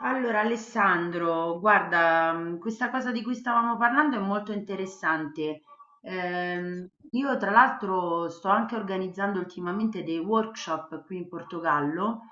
Allora Alessandro, guarda, questa cosa di cui stavamo parlando è molto interessante. Io tra l'altro sto anche organizzando ultimamente dei workshop qui in Portogallo,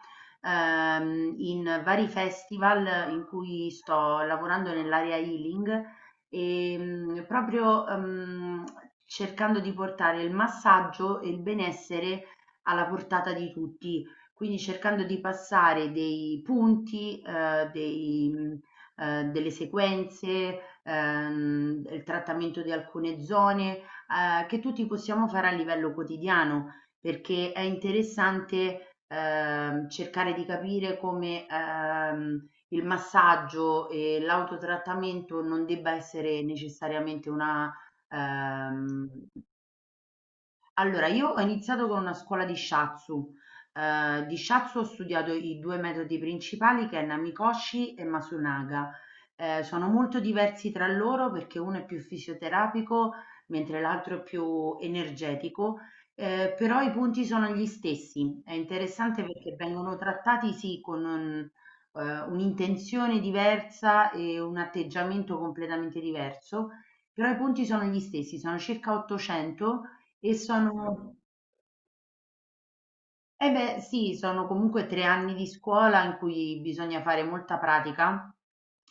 in vari festival in cui sto lavorando nell'area healing e proprio cercando di portare il massaggio e il benessere alla portata di tutti, quindi cercando di passare dei punti, delle sequenze, il trattamento di alcune zone, che tutti possiamo fare a livello quotidiano, perché è interessante, cercare di capire come, il massaggio e l'autotrattamento non debba essere necessariamente una ehm allora, io ho iniziato con una scuola di shiatsu. Di shiatsu ho studiato i 2 metodi principali che è Namikoshi e Masunaga. Sono molto diversi tra loro perché uno è più fisioterapico, mentre l'altro è più energetico, però i punti sono gli stessi. È interessante perché vengono trattati, sì, con un un'intenzione diversa e un atteggiamento completamente diverso, però i punti sono gli stessi, sono circa 800 e sono eh beh, sì, sono comunque 3 anni di scuola in cui bisogna fare molta pratica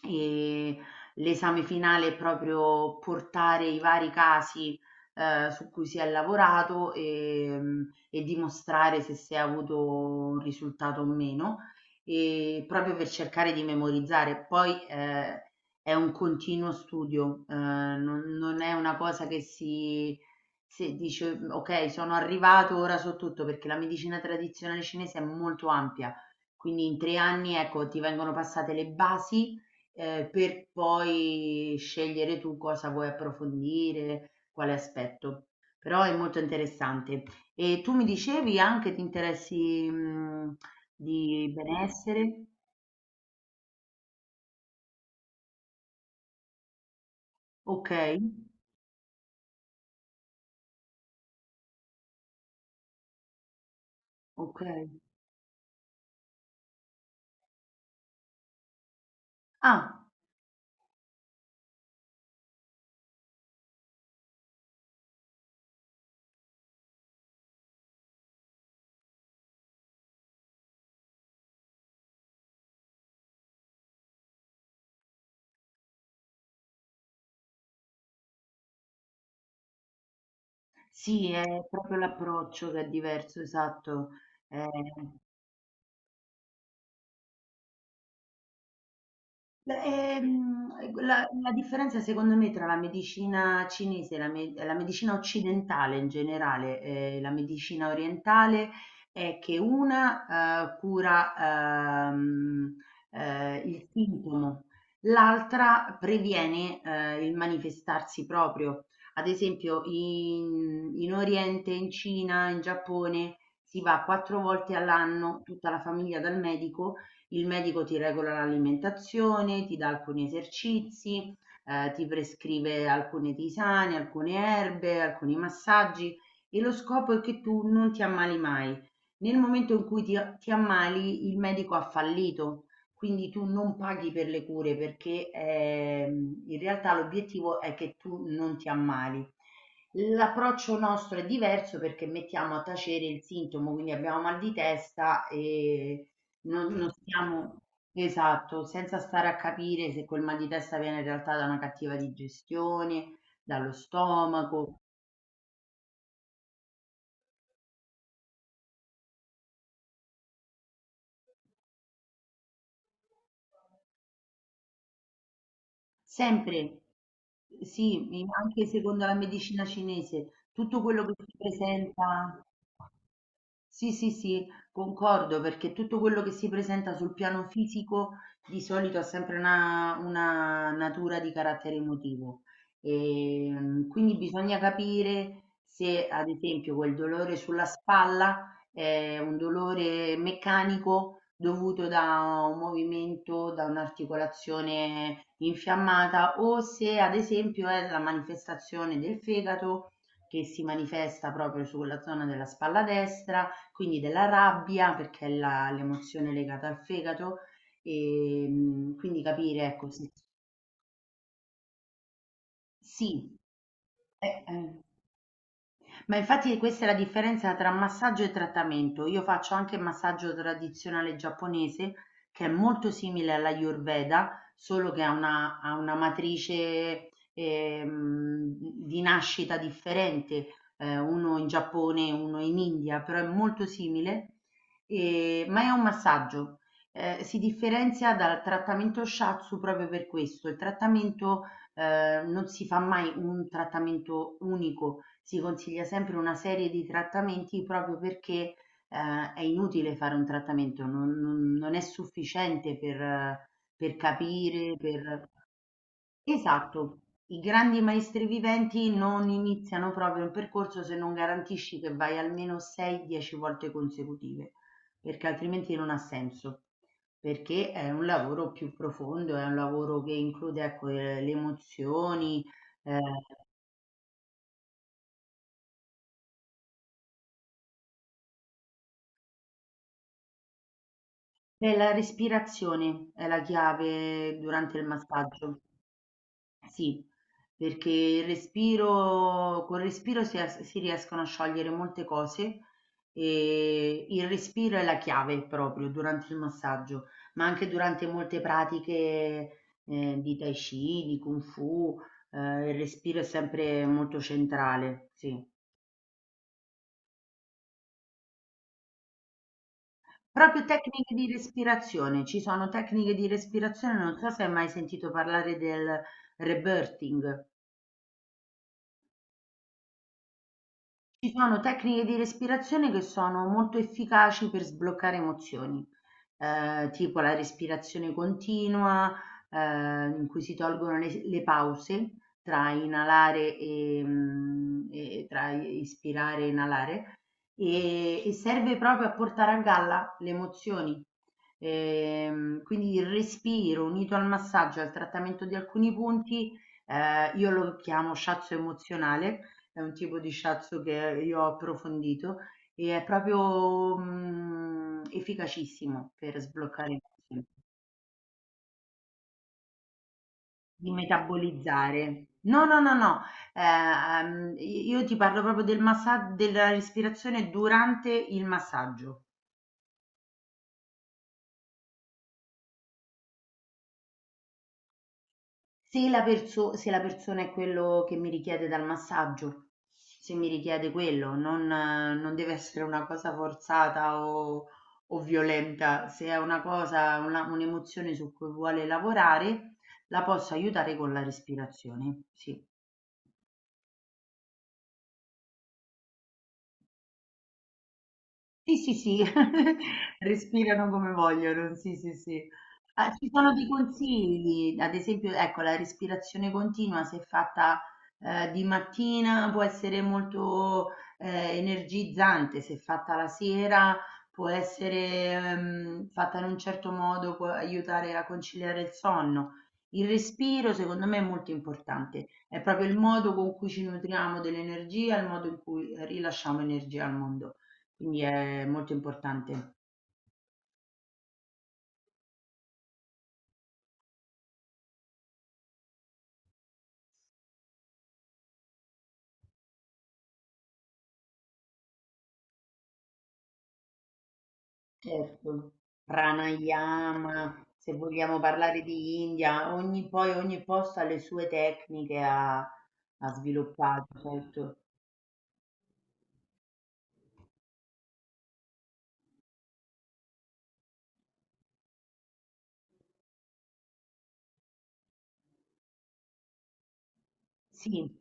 e l'esame finale è proprio portare i vari casi, su cui si è lavorato, e dimostrare se si è avuto un risultato o meno, proprio per cercare di memorizzare. Poi, è un continuo studio, non è una cosa che si se dice: "Mm, "Okay, sono arrivato, ora so tutto", perché la medicina tradizionale cinese è molto ampia, quindi in 3 anni, ecco, ti vengono passate le basi, per poi scegliere tu cosa vuoi approfondire, quale aspetto. Però è molto interessante. E tu mi dicevi anche ti interessi, di benessere? Okay, okay. Ah, sì, è proprio l'approccio che è diverso, esatto. Ehm Beh, la differenza secondo me tra la medicina cinese e la me la medicina occidentale in generale, e la medicina orientale è che una, cura, uhm, il sintomo, l'altra previene, il manifestarsi proprio. Ad esempio in Oriente, in Cina, in Giappone si va 4 volte all'anno tutta la famiglia dal medico. Il medico ti regola l'alimentazione, ti dà alcuni esercizi, ti prescrive alcune tisane, alcune erbe, alcuni massaggi e lo scopo è che tu non ti ammali mai. Nel momento in cui ti ammali, il medico ha fallito, quindi tu non paghi per le cure perché in realtà l'obiettivo è che tu non ti ammali. L'approccio nostro è diverso perché mettiamo a tacere il sintomo, quindi abbiamo mal di testa e non stiamo esatto, senza stare a capire se quel mal di testa viene in realtà da una cattiva digestione, dallo stomaco, sempre sì, mi anche secondo la medicina cinese, tutto quello che si presenta. Sì, sì, sì, concordo perché tutto quello che si presenta sul piano fisico di solito ha sempre una natura di carattere emotivo. E, quindi bisogna capire se, ad esempio, quel dolore sulla spalla è un dolore meccanico dovuto da un movimento, da un'articolazione infiammata o se, ad esempio, è la manifestazione del fegato che si manifesta proprio sulla zona della spalla destra, quindi della rabbia, perché è la l'emozione legata al fegato, quindi capire ecco se sì, eh. Ma infatti questa è la differenza tra massaggio e trattamento. Io faccio anche massaggio tradizionale giapponese, che è molto simile all'Ayurveda, solo che ha una matrice di nascita differente, uno in Giappone e uno in India, però è molto simile, e- ma è un massaggio. Si differenzia dal trattamento shatsu proprio per questo. Il trattamento non si fa mai un trattamento unico, si consiglia sempre una serie di trattamenti proprio perché è inutile fare un trattamento, non è sufficiente per capire, per... Esatto. I grandi maestri viventi non iniziano proprio un percorso se non garantisci che vai almeno 6-10 volte consecutive, perché altrimenti non ha senso. Perché è un lavoro più profondo, è un lavoro che include, ecco, le emozioni, eh, e la respirazione è la chiave durante il massaggio. Sì, perché il respiro, col respiro si, as- si riescono a sciogliere molte cose e il respiro è la chiave proprio durante il massaggio, ma anche durante molte pratiche di Tai Chi, di Kung Fu, il respiro è sempre molto centrale, sì. Proprio tecniche di respirazione, ci sono tecniche di respirazione, non so se hai mai sentito parlare del rebirthing. Ci sono tecniche di respirazione che sono molto efficaci per sbloccare emozioni, tipo la respirazione continua, in cui si tolgono le pause tra inalare, e tra ispirare e inalare, e serve proprio a portare a galla le emozioni. Quindi il respiro unito al massaggio e al trattamento di alcuni punti, io lo chiamo shiatsu emozionale, è un tipo di shiatsu che io ho approfondito e è proprio, efficacissimo per sbloccare i muscoli, di metabolizzare. No, no, no, no, i io ti parlo proprio della respirazione durante il massaggio. Se la persona è quello che mi richiede dal massaggio, se mi richiede quello, non non deve essere una cosa forzata o violenta. Se è una cosa una un'emozione su cui vuole lavorare, la posso aiutare con la respirazione, sì. Sì, sì, sì, respirano come vogliono, sì, sì, sì. Ah, ci sono dei consigli, ad esempio, ecco, la respirazione continua, se fatta di mattina, può essere molto energizzante, se fatta la sera, può essere fatta in un certo modo, può aiutare a conciliare il sonno. Il respiro, secondo me, è molto importante, è proprio il modo con cui ci nutriamo dell'energia, il modo in cui rilasciamo energia al mondo. Quindi è molto importante. Certo. Pranayama, se vogliamo parlare di India, ogni, poi ogni posto ha le sue tecniche, ha, ha sviluppato, certo. Sì,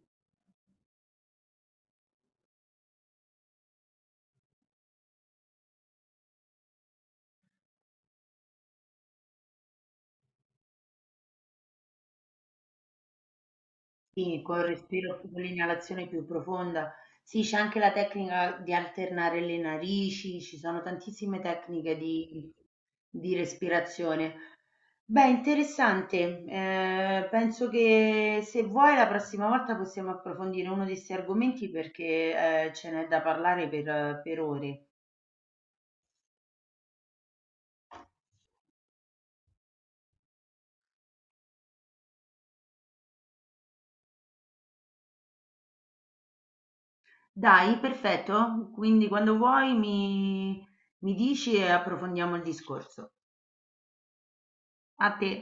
sì, col respiro, più- con l'inalazione più profonda. Sì, c'è anche la tecnica di alternare le narici, ci sono tantissime tecniche di respirazione. Beh, interessante. Penso che se vuoi la prossima volta possiamo approfondire uno di 'sti argomenti perché, ce n'è da parlare per ore. Dai, perfetto. Quindi quando vuoi mi mi dici e approfondiamo il discorso. A te.